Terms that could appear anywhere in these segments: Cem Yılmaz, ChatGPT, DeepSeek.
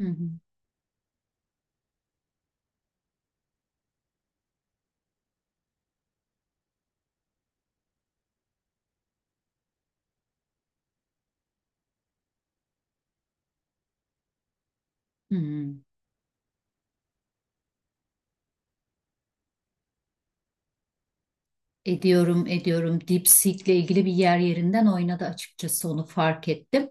Hı hı. Hı. Hı. Ediyorum, ediyorum. Dipsik'le ilgili bir yer yerinden oynadı açıkçası, onu fark ettim.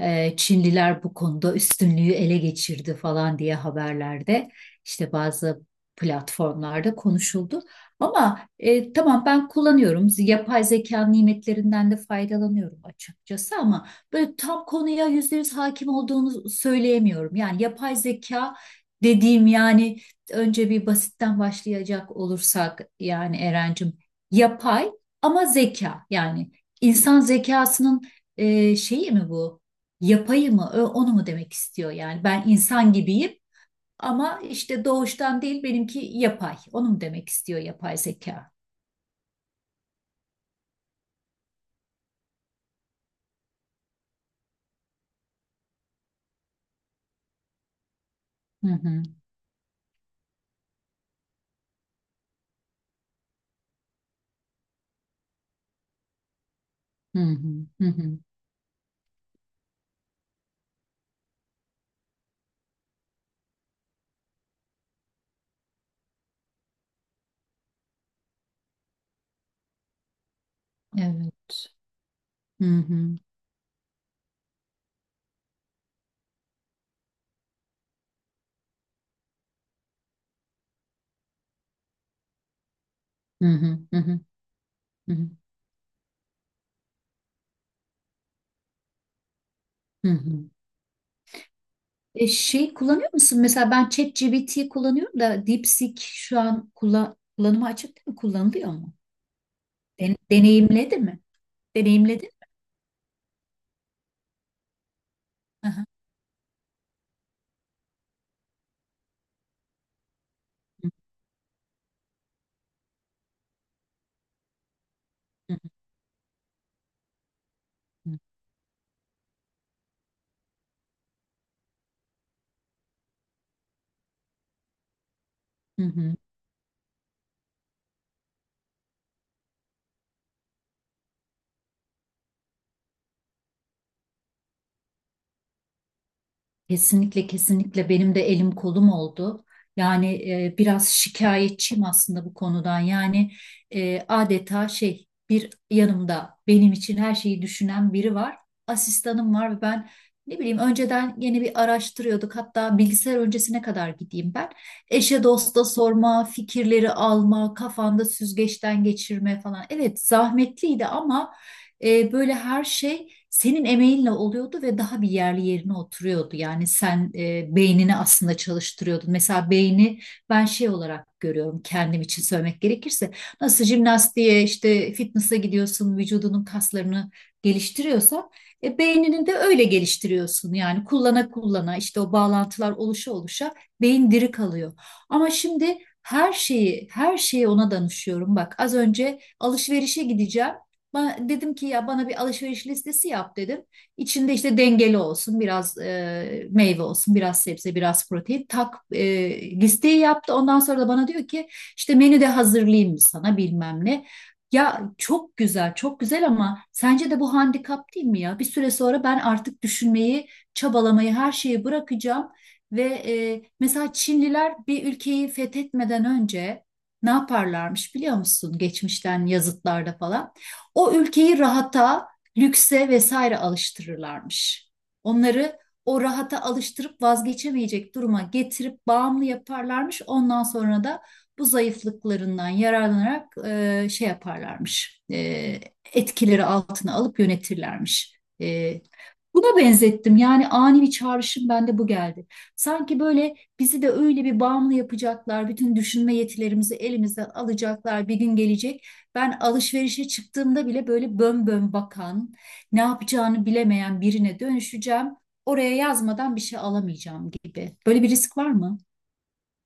Çinliler bu konuda üstünlüğü ele geçirdi falan diye haberlerde işte bazı platformlarda konuşuldu. Ama tamam, ben kullanıyorum. Yapay zeka nimetlerinden de faydalanıyorum açıkçası, ama böyle tam konuya yüzde yüz hakim olduğunu söyleyemiyorum. Yani yapay zeka dediğim, yani önce bir basitten başlayacak olursak, yani Erencim, yapay ama zeka, yani insan zekasının şeyi mi bu? Yapayı mı? Onu mu demek istiyor yani? Ben insan gibiyim ama işte doğuştan değil, benimki yapay. Onu mu demek istiyor yapay zeka? Hı hı, hı hı, hı hı. Evet. Hı hı, hı hı, hı hı, hı hı, hı hı. Şey kullanıyor musun? Mesela ben ChatGPT kullanıyorum da DeepSeek şu an kullanıma açık değil mi? Kullanılıyor mu? Deneyimledi mi? Deneyimledin mi? Hı hı. Hı hı, hı hı. Kesinlikle kesinlikle benim de elim kolum oldu. Yani biraz şikayetçiyim aslında bu konudan. Yani adeta şey, bir yanımda benim için her şeyi düşünen biri var. Asistanım var ve ben, ne bileyim, önceden yeni bir araştırıyorduk. Hatta bilgisayar öncesine kadar gideyim ben. Eşe dosta sorma, fikirleri alma, kafanda süzgeçten geçirme falan. Evet, zahmetliydi ama böyle her şey senin emeğinle oluyordu ve daha bir yerli yerine oturuyordu. Yani sen beynini aslında çalıştırıyordun. Mesela beyni ben şey olarak görüyorum, kendim için söylemek gerekirse. Nasıl jimnastiğe, işte fitness'a gidiyorsun, vücudunun kaslarını geliştiriyorsan beynini de öyle geliştiriyorsun. Yani kullana kullana, işte o bağlantılar oluşa oluşa beyin diri kalıyor. Ama şimdi her şeyi her şeyi ona danışıyorum. Bak, az önce alışverişe gideceğim. Dedim ki ya bana bir alışveriş listesi yap dedim. İçinde işte dengeli olsun, biraz meyve olsun, biraz sebze, biraz protein. Tak, listeyi yaptı. Ondan sonra da bana diyor ki işte menü de hazırlayayım mı sana, bilmem ne. Ya çok güzel, çok güzel, ama sence de bu handikap değil mi ya? Bir süre sonra ben artık düşünmeyi, çabalamayı, her şeyi bırakacağım. Ve mesela Çinliler bir ülkeyi fethetmeden önce ne yaparlarmış biliyor musun? Geçmişten yazıtlarda falan. O ülkeyi rahata, lükse vesaire alıştırırlarmış. Onları o rahata alıştırıp vazgeçemeyecek duruma getirip bağımlı yaparlarmış. Ondan sonra da bu zayıflıklarından yararlanarak şey yaparlarmış. Etkileri altına alıp yönetirlermiş. Buna benzettim. Yani ani bir çağrışım bende bu geldi. Sanki böyle bizi de öyle bir bağımlı yapacaklar. Bütün düşünme yetilerimizi elimizden alacaklar. Bir gün gelecek. Ben alışverişe çıktığımda bile böyle bön bön bakan, ne yapacağını bilemeyen birine dönüşeceğim. Oraya yazmadan bir şey alamayacağım gibi. Böyle bir risk var mı?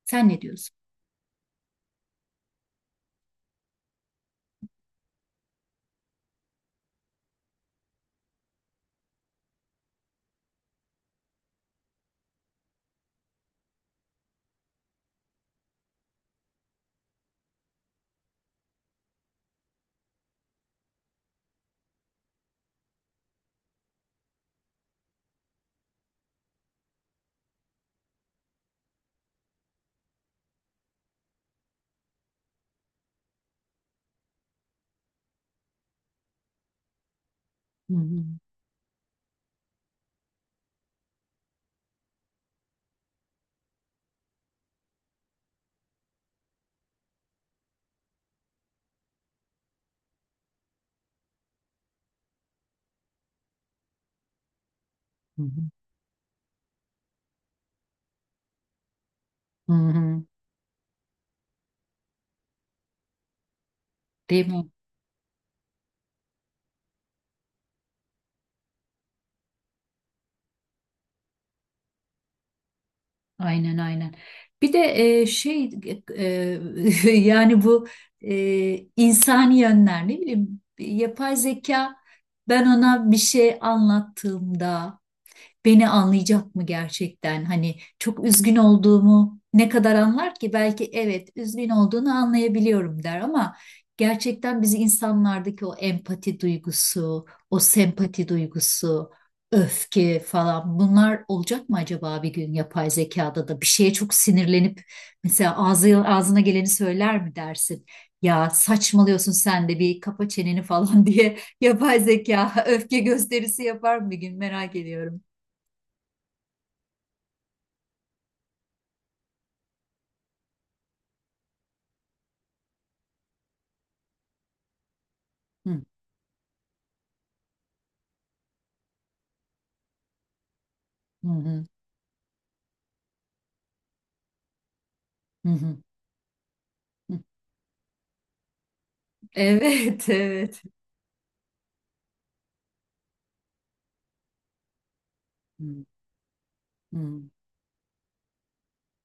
Sen ne diyorsun? Hı hı, hı hı, hı hı. Değil mi? Aynen aynen. Bir de şey, e, yani bu insani yönler, ne bileyim, yapay zeka ben ona bir şey anlattığımda beni anlayacak mı gerçekten? Hani çok üzgün olduğumu ne kadar anlar ki? Belki evet, üzgün olduğunu anlayabiliyorum der, ama gerçekten bizi, insanlardaki o empati duygusu, o sempati duygusu, öfke falan, bunlar olacak mı acaba bir gün yapay zekada da? Bir şeye çok sinirlenip mesela ağzına geleni söyler mi dersin? Ya saçmalıyorsun sen de, bir kapa çeneni falan diye yapay zeka öfke gösterisi yapar mı bir gün, merak ediyorum. Hı hı, hı hı. Hı, hı. Evet, evet. Hı, hı.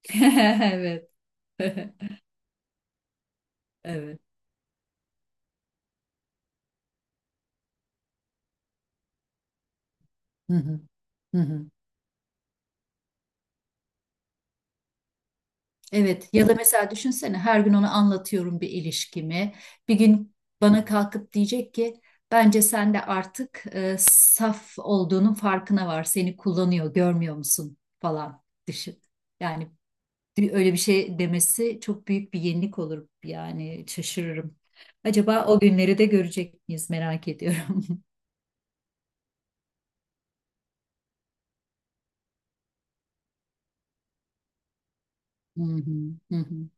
Evet. Evet. Hı hı. Hı hı. Evet, ya da mesela düşünsene, her gün ona anlatıyorum bir ilişkimi. Bir gün bana kalkıp diyecek ki bence sen de artık saf olduğunun farkına var. Seni kullanıyor, görmüyor musun falan, düşün. Yani öyle bir şey demesi çok büyük bir yenilik olur, yani şaşırırım. Acaba o günleri de görecek miyiz, merak ediyorum. Hı hı, hı hı,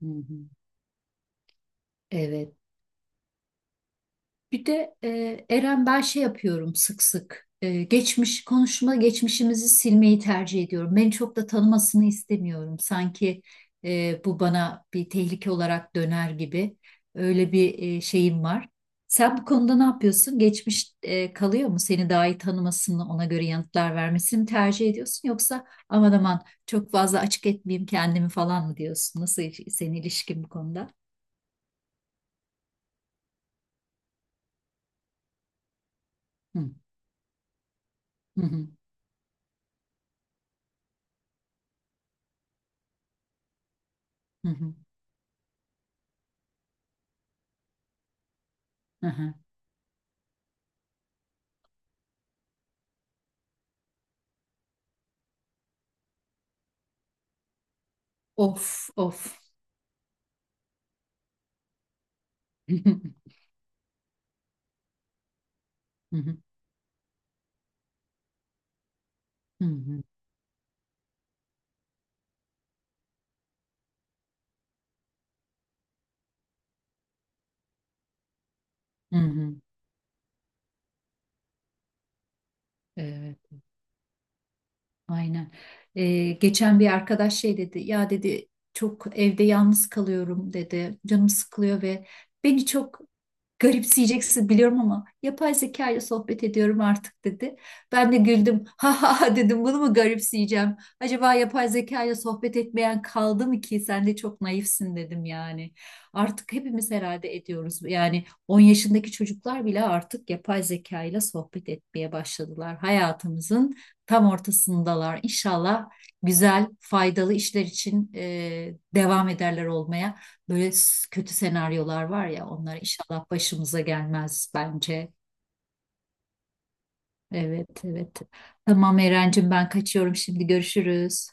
hı hı. Evet. Bir de Eren, ben şey yapıyorum sık sık. Geçmiş konuşma geçmişimizi silmeyi tercih ediyorum. Beni çok da tanımasını istemiyorum. Sanki bu bana bir tehlike olarak döner gibi. Öyle bir şeyim var. Sen bu konuda ne yapıyorsun? Geçmiş kalıyor mu? Seni daha iyi tanımasını, ona göre yanıtlar vermesini tercih ediyorsun, yoksa aman aman çok fazla açık etmeyeyim kendimi falan mı diyorsun? Nasıl, senin ilişkin bu konuda? Hı hı, hı hı. Hı hı. Of of. Hı hı, hı hı, hı hı, hı hı. Evet, aynen. Geçen bir arkadaş şey dedi, ya dedi, çok evde yalnız kalıyorum dedi, canım sıkılıyor ve beni çok, garipseyeceksin biliyorum, ama yapay zeka ile sohbet ediyorum artık dedi. Ben de güldüm. Ha ha ha, dedim, bunu mu garipseyeceğim? Acaba yapay zeka ile sohbet etmeyen kaldı mı ki? Sen de çok naifsin, dedim yani. Artık hepimiz herhalde ediyoruz. Yani 10 yaşındaki çocuklar bile artık yapay zeka ile sohbet etmeye başladılar. Hayatımızın tam ortasındalar. İnşallah güzel, faydalı işler için devam ederler olmaya. Böyle kötü senaryolar var ya, onlar inşallah başımıza gelmez bence. Evet evet. Tamam Erencim, ben kaçıyorum, şimdi görüşürüz.